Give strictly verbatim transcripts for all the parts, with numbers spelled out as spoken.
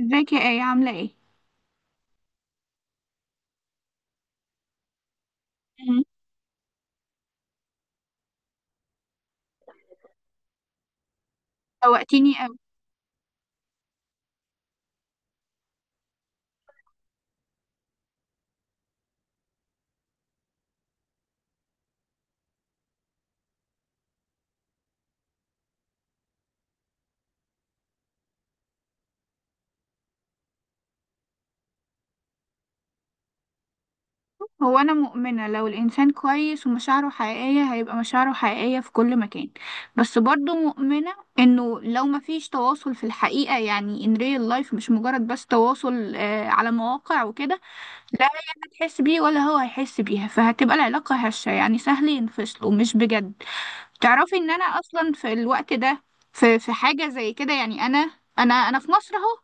ازيك يا آية، عاملة ايه؟ مم. شوقتيني اوي. هو أنا مؤمنة لو الإنسان كويس ومشاعره حقيقية هيبقى مشاعره حقيقية في كل مكان. بس برضو مؤمنة إنه لو مفيش تواصل في الحقيقة، يعني in real life، مش مجرد بس تواصل آه على مواقع وكده، لا هي هتحس بيه ولا هو هيحس بيها، فهتبقى العلاقة هشة، يعني سهل ينفصلوا، مش بجد. تعرفي ان انا اصلا في الوقت ده في في حاجه زي كده، يعني انا انا انا في مصر اهو،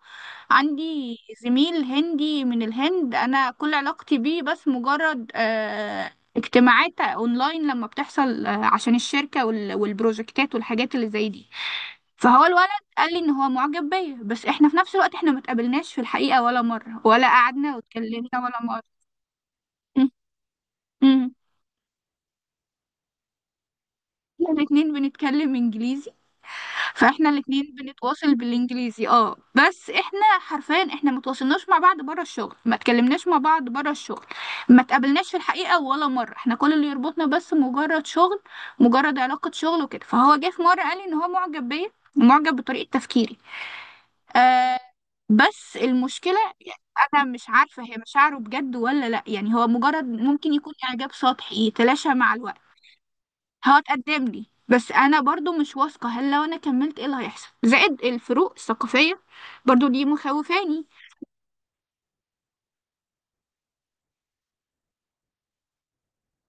عندي زميل هندي من الهند، انا كل علاقتي بيه بس مجرد آه، اجتماعات اونلاين لما بتحصل، آه، عشان الشركه وال- والبروجكتات والحاجات اللي زي دي. فهو الولد قال لي ان هو معجب بيا، بس احنا في نفس الوقت، احنا ما اتقابلناش في الحقيقه ولا مره، ولا قعدنا واتكلمنا ولا مره. احنا الاتنين بنتكلم انجليزي، فاحنا الاتنين بنتواصل بالانجليزي، اه بس احنا حرفيا احنا متواصلناش مع بعض بره الشغل، ما اتكلمناش مع بعض بره الشغل، ما اتقابلناش في الحقيقة ولا مرة. احنا كل اللي يربطنا بس مجرد شغل، مجرد علاقة شغل وكده. فهو جه في مرة قال لي ان هو معجب بيا، معجب بطريقة تفكيري. آه. بس المشكلة، يعني انا مش عارفة هي مشاعره بجد ولا لا، يعني هو مجرد ممكن يكون اعجاب سطحي يتلاشى مع الوقت. هتقدم لي، بس انا برضو مش واثقة، هل لو انا كملت ايه اللي هيحصل؟ زائد الفروق الثقافية برضو دي مخوفاني.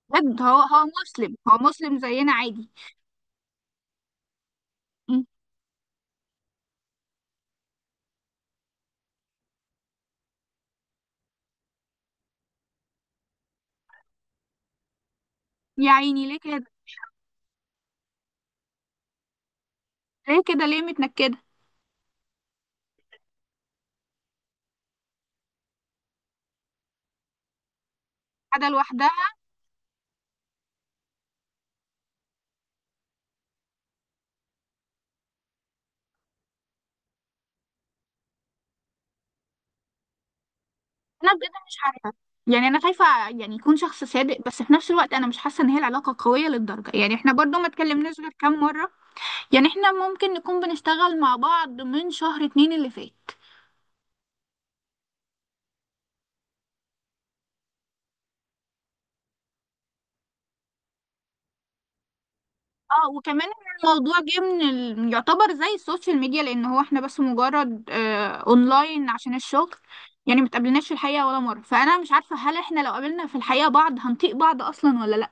بجد، هو هو مسلم، هو مسلم زينا عادي. م. يا عيني ليه كده، ليه كده، ليه متنكدة قاعدة لوحدها؟ انا بجد مش عارفة، يعني انا خايفة يعني يكون شخص صادق، بس في نفس الوقت انا مش حاسة ان هي العلاقة قوية للدرجة، يعني احنا برضو ما اتكلمناش غير كام مرة. يعني احنا ممكن نكون بنشتغل مع بعض من شهر اتنين اللي فات. اه. وكمان الموضوع جه من ال... يعتبر زي السوشيال ميديا، لان هو احنا بس مجرد آه اونلاين عشان الشغل. يعني متقابلناش في الحقيقة ولا مرة، فانا مش عارفة هل احنا لو قابلنا في الحقيقة بعض هنطيق بعض اصلا ولا لا.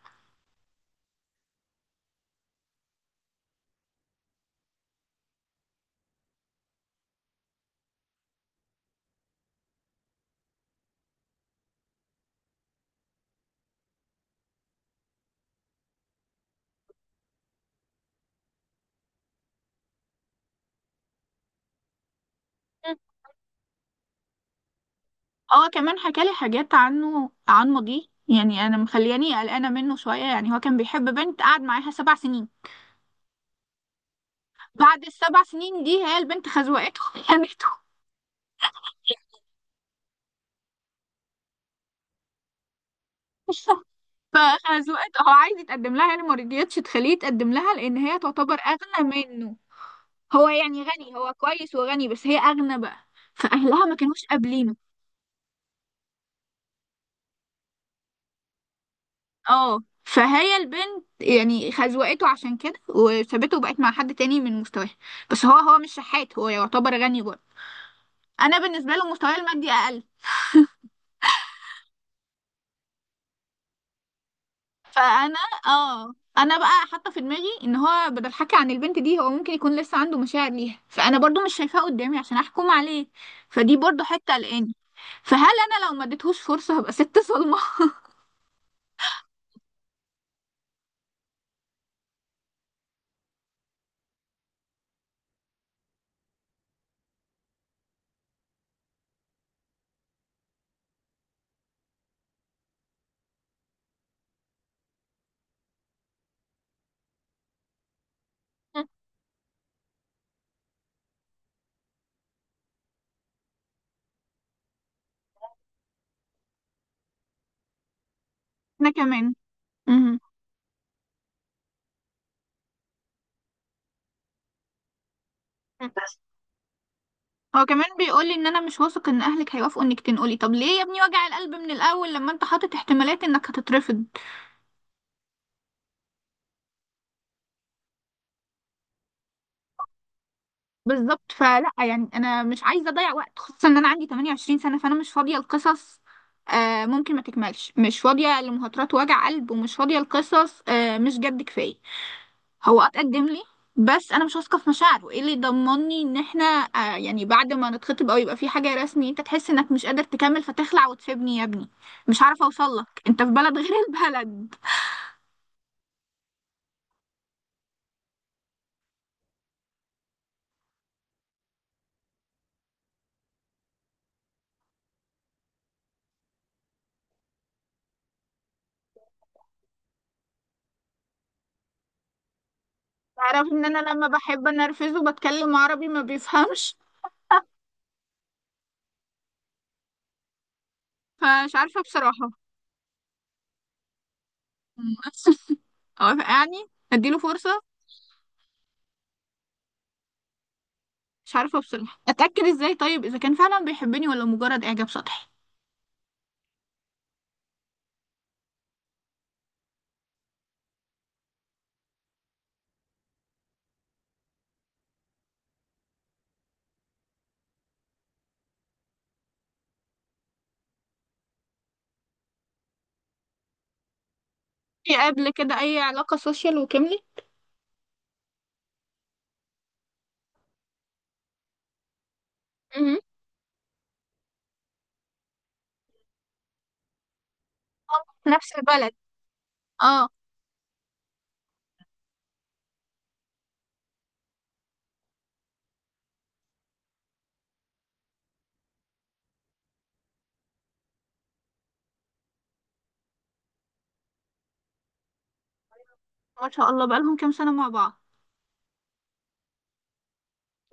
مم. هو كمان حكالي حاجات عنه، عن ماضيه، يعني انا مخلياني قلقانة منه شوية، يعني هو كان بيحب بنت قعد معاها سبع سنين. بعد السبع سنين دي هي البنت خزوقته، خانته. فخزوقته. هو عايز يتقدم لها، يعني ما رضيتش تخليه يتقدم لها، لان هي تعتبر اغلى منه. هو يعني غني، هو كويس وغني، بس هي أغنى بقى، فأهلها ما كانوش قابلينه. اه، فهي البنت يعني خزوقته عشان كده وسابته وبقت مع حد تاني من مستواها. بس هو هو مش شحات، هو يعتبر غني برضه. انا بالنسبه له مستواي المادي اقل. فانا اه انا بقى حاطه في دماغي ان هو بدل حكي عن البنت دي، هو ممكن يكون لسه عنده مشاعر ليها، فانا برضو مش شايفاه قدامي عشان احكم عليه، فدي برضو حته قلقاني. فهل انا لو ما اديتهوش فرصه هبقى ست صلمه؟ انا كمان. مهم. هو كمان بيقولي ان انا مش واثق ان اهلك هيوافقوا انك تنقلي. طب ليه يا ابني وجع القلب من الاول لما انت حاطط احتمالات انك هتترفض؟ بالظبط، فلا يعني انا مش عايزه اضيع وقت، خصوصا ان انا عندي ثمانية وعشرين سنه، فانا مش فاضيه لقصص، آه ممكن ما تكملش، مش فاضيه لمهاترات وجع قلب، ومش فاضيه لقصص آه مش جد، كفايه. هو اتقدم لي، بس انا مش واثقه في مشاعره، ايه اللي يضمني ان احنا، آه يعني بعد ما نتخطب او يبقى في حاجه رسمي، انت تحس انك مش قادر تكمل فتخلع وتسيبني يا ابني؟ مش عارفه اوصل لك، انت في بلد غير البلد. تعرفي ان انا لما بحب انرفزه بتكلم عربي ما بيفهمش. فمش عارفه بصراحه. مم. او يعني اديله فرصه. مش عارفه بصراحه اتاكد ازاي، طيب اذا كان فعلا بيحبني ولا مجرد اعجاب سطحي. في قبل كده اي علاقه سوشيال وكملي؟ مهم. في نفس البلد. اه. ما شاء الله، بقالهم كام سنه مع بعض؟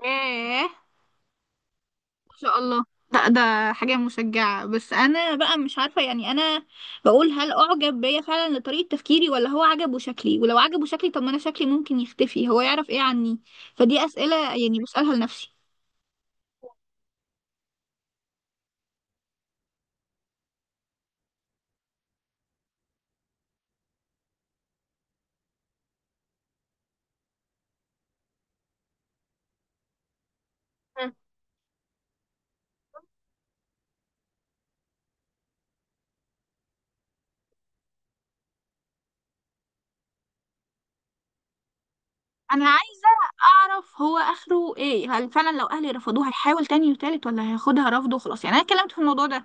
ياه. شاء الله. لا ده حاجة مشجعة، بس أنا بقى مش عارفة، يعني أنا بقول هل أعجب بيا فعلا لطريقة تفكيري، ولا هو عجبه شكلي؟ ولو عجبه شكلي طب ما أنا شكلي ممكن يختفي، هو يعرف إيه عني؟ فدي أسئلة يعني بسألها لنفسي. مم. أنا عايزة أعرف هو آخره إيه، هل فعلا لو أهلي رفضوه هيحاول تاني وتالت، ولا هياخدها رفضه وخلاص؟ يعني أنا اتكلمت في الموضوع ده،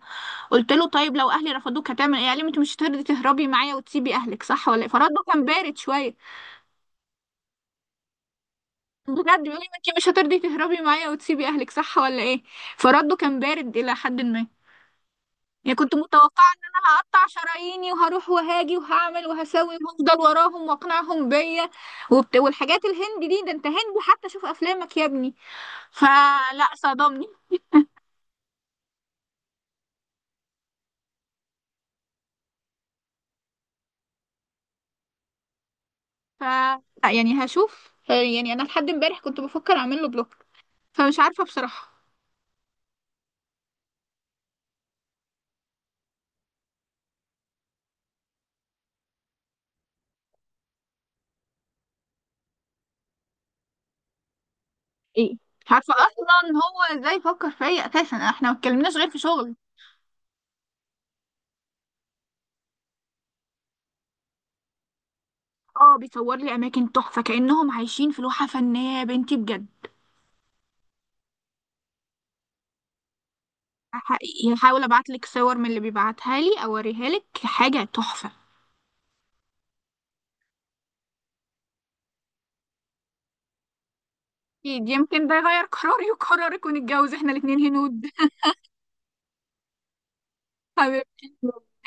قلت له طيب لو أهلي رفضوك هتعمل إيه، قال لي ما أنت مش هترضي تهربي معايا وتسيبي أهلك، صح ولا إيه؟ فرده كان بارد شوية. بجد، بيقول لي انتي مش هترضي تهربي معايا وتسيبي اهلك، صح ولا ايه؟ فرده كان بارد الى حد ما، يعني كنت متوقعه ان انا هقطع شراييني وهروح وهاجي وهعمل وهسوي وهفضل وراهم واقنعهم بيا وبت... والحاجات الهندي دي. ده انت هندي حتى، شوف افلامك يا ابني. فلا، صدمني. ف لا يعني هشوف، يعني انا لحد امبارح كنت بفكر اعمل له بلوك. فمش عارفه بصراحه. ايه. مش عارفه اصلا هو ازاي فكر فيا اساسا، احنا ما اتكلمناش غير في شغل. اه، بيصور لي اماكن تحفه، كانهم عايشين في لوحه فنيه، يا بنتي بجد. حقيقي هحاول ابعت لك صور من اللي بيبعتها لي اوريها لك، حاجه تحفه. اكيد، يمكن ده يغير قراري وقرارك ونتجوز احنا الاتنين هنود. حبيبتي،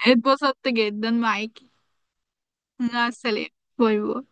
اتبسطت جدا معاكي. مع السلامه. باي باي.